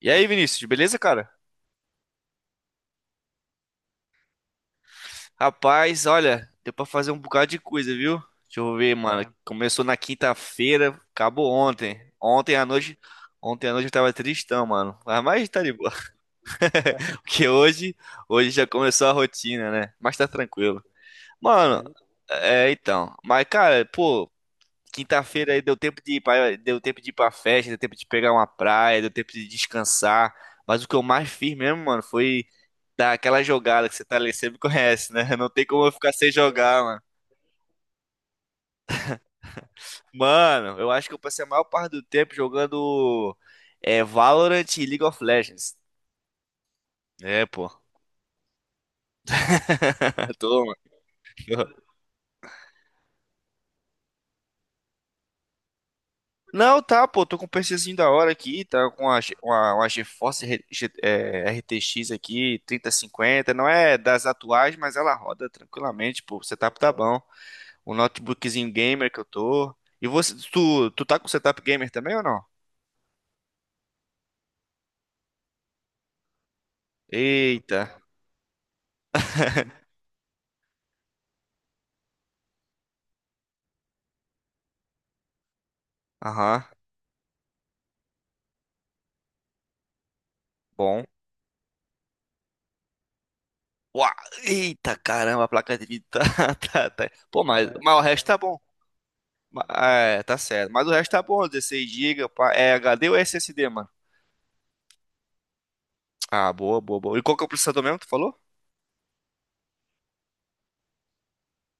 E aí, Vinícius, beleza, cara? Rapaz, olha, deu pra fazer um bocado de coisa, viu? Deixa eu ver, mano. É. Começou na quinta-feira, acabou ontem. Ontem à noite eu tava tristão, mano. Mas tá de boa, porque hoje já começou a rotina, né? Mas tá tranquilo. Mano. Uhum. É então. Mas, cara, pô. Quinta-feira aí deu tempo de ir pra, deu tempo de ir pra festa, deu tempo de pegar uma praia, deu tempo de descansar. Mas o que eu mais fiz mesmo, mano, foi dar aquela jogada que você tá ali, você me conhece, né? Não tem como eu ficar sem jogar, mano. Mano, eu acho que eu passei a maior parte do tempo jogando Valorant e League of Legends. É, pô. Toma. Não, tá, pô, tô com um PCzinho da hora aqui, tá com uma GeForce RTX aqui, 3050, não é das atuais, mas ela roda tranquilamente, pô, o setup tá bom. O notebookzinho gamer que eu tô. E você, tu tá com setup gamer também ou não? Eita, aham, bom. Uau, eita, caramba, a placa de vídeo tá, tá. Pô, mas o resto tá bom. É, tá certo, mas o resto tá bom, 16 GB, é HD ou SSD, mano? Ah, boa, boa, boa. E qual que é o processador mesmo que tu falou?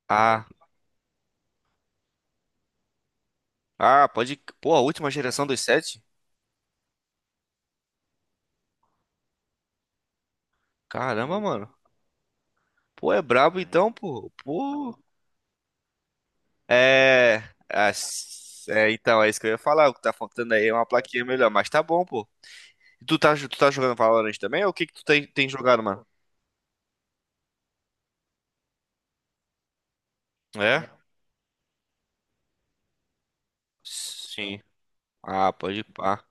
Ah, ah, pode. Pô, a última geração dos sete? Caramba, mano. Pô, é brabo então, pô. Pô. É. Então, é isso que eu ia falar. O que tá faltando aí é uma plaquinha melhor, mas tá bom, pô. E tu tá jogando Valorant também? Ou o que que tu tem jogado, mano? É? Sim. Ah, pode pá.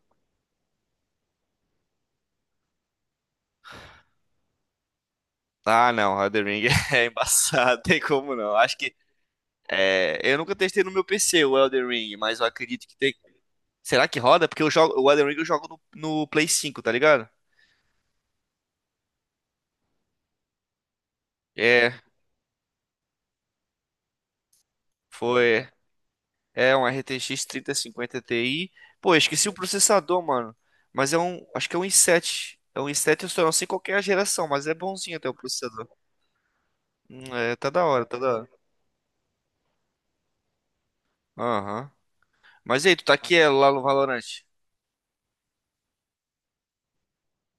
Ah, não, Elden Ring é embaçado, tem como não. Acho que. É, eu nunca testei no meu PC o Elden Ring, mas eu acredito que tem. Será que roda? Porque eu jogo, o Elden Ring eu jogo no Play 5, tá ligado? É. Foi. É um RTX 3050 Ti. Pô, eu esqueci o processador, mano. Mas é um. Acho que é um i7. É um i7, eu só não sei qual que é a geração, mas é bonzinho até o processador. É, tá da hora, tá da hora. Aham. Mas e aí, tu tá aqui lá no Valorant?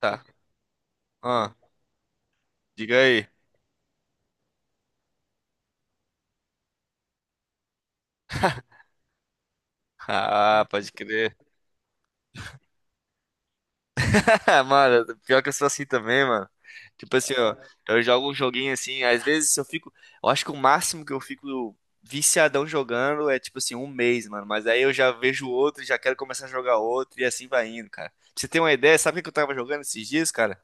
Tá. Ah, diga aí. Ah, pode crer. Ah, mano, pior que eu sou assim também, mano. Tipo assim, ó, eu jogo um joguinho assim, às vezes eu fico. Eu acho que o máximo que eu fico viciadão jogando é tipo assim, um mês, mano. Mas aí eu já vejo outro, já quero começar a jogar outro, e assim vai indo, cara. Pra você ter uma ideia, sabe o que eu tava jogando esses dias, cara?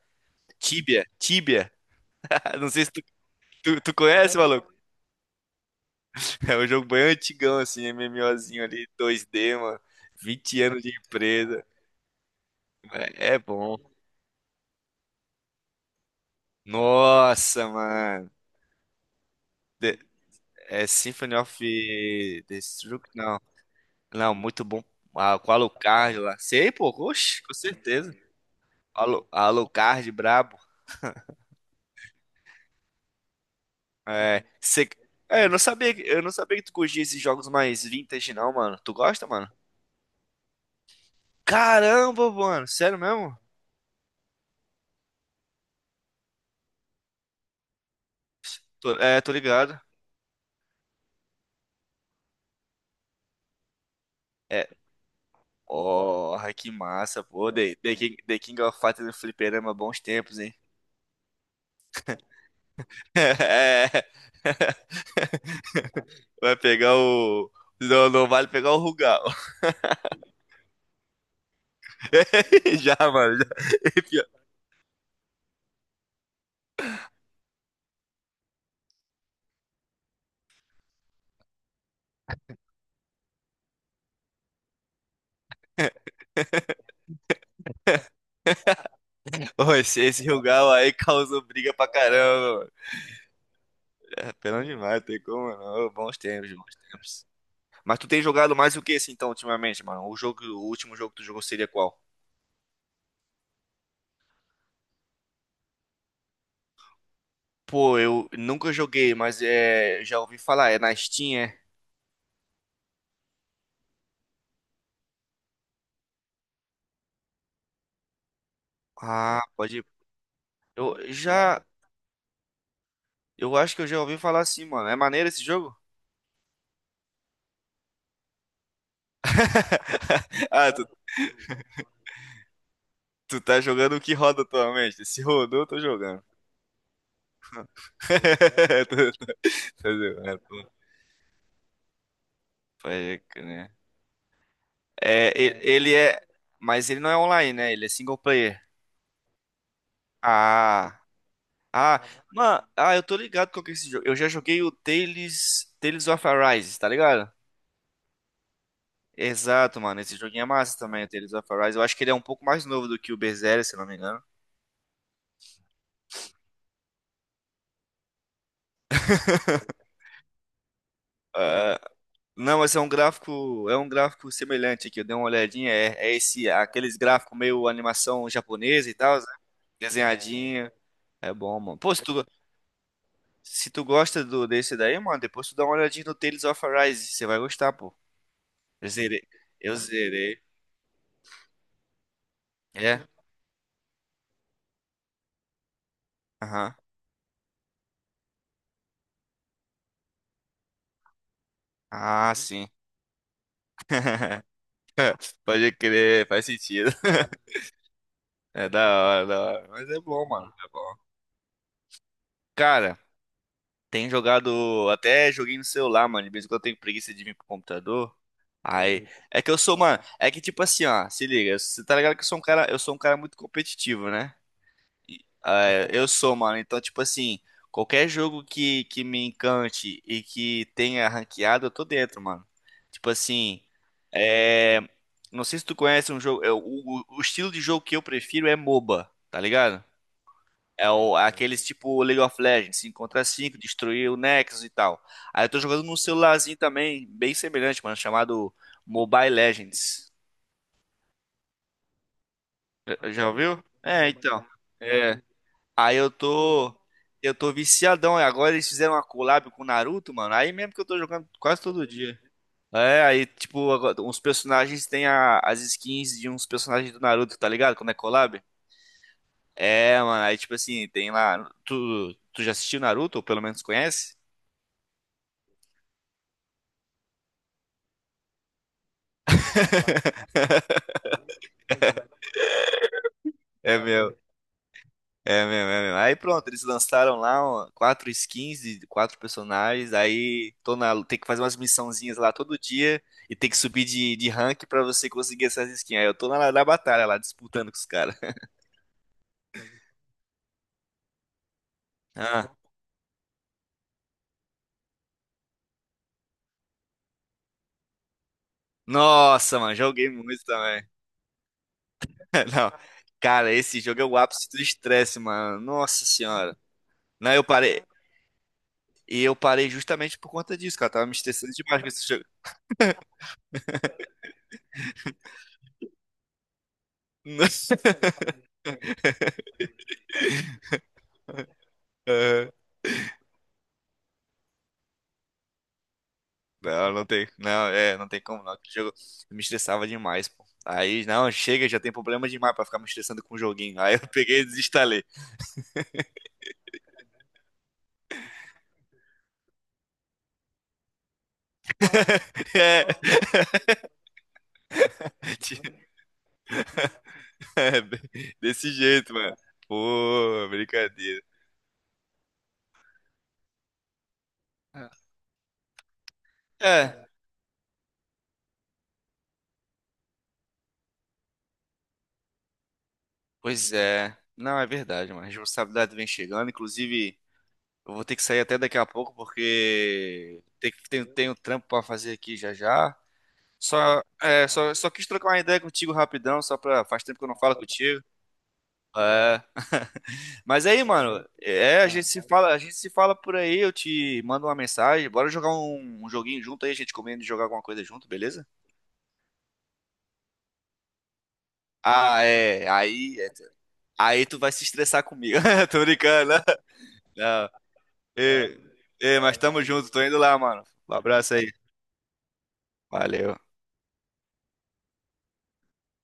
Tibia, Tibia. Não sei se tu conhece, maluco. É um jogo bem antigão, assim, MMOzinho ali, 2D mano. 20 anos de empresa. É bom. Nossa, mano. É Symphony of Destruct, não. Não, muito bom. Ah, com Alucard lá. Sei, pô. Oxe, com certeza. Alucard, brabo. É, cê- eu não sabia, que tu curtia esses jogos mais vintage, não, mano. Tu gosta, mano? Caramba, mano. Sério mesmo? Tô ligado. É, oh, que massa, pô. The King of Fighters no fliperama, bons tempos, hein? É. Vai pegar o... Não, não vale pegar o Rugal. Já, mano. Já. É pior. Ô, esse Rugal aí causou briga pra caramba, mano. É, pena demais, tem como não. Ô, bons tempos, bons tempos. Mas tu tem jogado mais o que esse então, ultimamente, mano? O jogo, o último jogo que tu jogou seria qual? Pô, eu nunca joguei, mas já ouvi falar. É na Steam, é? Ah, pode ir. Eu já. Eu acho que eu já ouvi falar assim, mano. É maneiro esse jogo? Ah, tu tá jogando o que roda atualmente? Se rodou, eu tô jogando. Tô- tô- tô jogando. Pode crer. Né? É, ele é. Mas ele não é online, né? Ele é single player. Ah. Ah, mano, ah, eu tô ligado com esse jogo. Eu já joguei o Tales of Arise, tá ligado? Exato, mano. Esse joguinho é massa também, o Tales of Arise. Eu acho que ele é um pouco mais novo do que o Berseria, se não me engano. Ah, não, mas é um gráfico semelhante aqui. Eu dei uma olhadinha, é esse, aqueles gráficos meio animação japonesa e tal, né? Desenhadinho. É bom, mano. Pô, se tu gosta desse daí, mano, depois tu dá uma olhadinha no Tales of Arise. Você vai gostar, pô. Eu zerei. Eu zerei. É? Aham. Ah, sim. Pode crer, faz sentido. É da hora, da hora. Mas é bom, mano. É bom. Cara, tem jogado. Até joguei no celular, mano. De vez em quando eu tenho preguiça de vir pro computador. Aí. É que eu sou, mano. É que tipo assim, ó. Se liga. Você tá ligado que eu sou um cara. Eu sou um cara muito competitivo, né? É, eu sou, mano. Então, tipo assim, qualquer jogo que me encante e que tenha ranqueado, eu tô dentro, mano. Tipo assim, é... não sei se tu conhece um jogo. O estilo de jogo que eu prefiro é MOBA, tá ligado? Aqueles tipo League of Legends, 5 contra 5, destruir o Nexus e tal. Aí eu tô jogando num celularzinho também, bem semelhante, mano, chamado Mobile Legends. Já ouviu? É, então. É. Aí eu tô. Eu tô viciadão. E agora eles fizeram uma collab com o Naruto, mano. Aí mesmo que eu tô jogando quase todo dia. É, aí, tipo, agora, uns personagens têm as skins de uns personagens do Naruto, tá ligado? Quando é collab. É, mano, aí, tipo assim, tem lá. Tu já assistiu Naruto, ou pelo menos conhece? É meu. É mesmo, é mesmo. Aí pronto, eles lançaram lá ó, quatro skins de quatro personagens. Aí tem que fazer umas missãozinhas lá todo dia e tem que subir de rank pra você conseguir essas skins. Aí eu tô na batalha lá, disputando com os caras. Ah, nossa, mano, joguei muito também. Não, cara, esse jogo é o ápice do estresse, mano. Nossa senhora. Não, eu parei. E eu parei justamente por conta disso, cara. Tava me estressando demais com esse jogo. Aham. Não, não tem, não, não tem como não. Aquele jogo me estressava demais, pô. Aí, não, chega, já tem problema demais pra ficar me estressando com o joguinho. Aí eu peguei e desinstalei. É, é, desse jeito, mano. Pô, brincadeira. É. É, pois é. Não, é verdade, mano. A responsabilidade vem chegando. Inclusive, eu vou ter que sair até daqui a pouco porque tem um trampo pra fazer aqui já já. Só quis trocar uma ideia contigo rapidão, só pra. Faz tempo que eu não falo contigo. É. Mas aí, mano, a gente se fala, a gente se fala por aí, eu te mando uma mensagem, bora jogar um joguinho junto aí, a gente comendo e jogar alguma coisa junto, beleza? Ah, é, aí, é. Aí tu vai se estressar comigo. Tô brincando. Né? Não. Ei, ei, mas tamo junto, tô indo lá, mano. Um abraço aí. Valeu.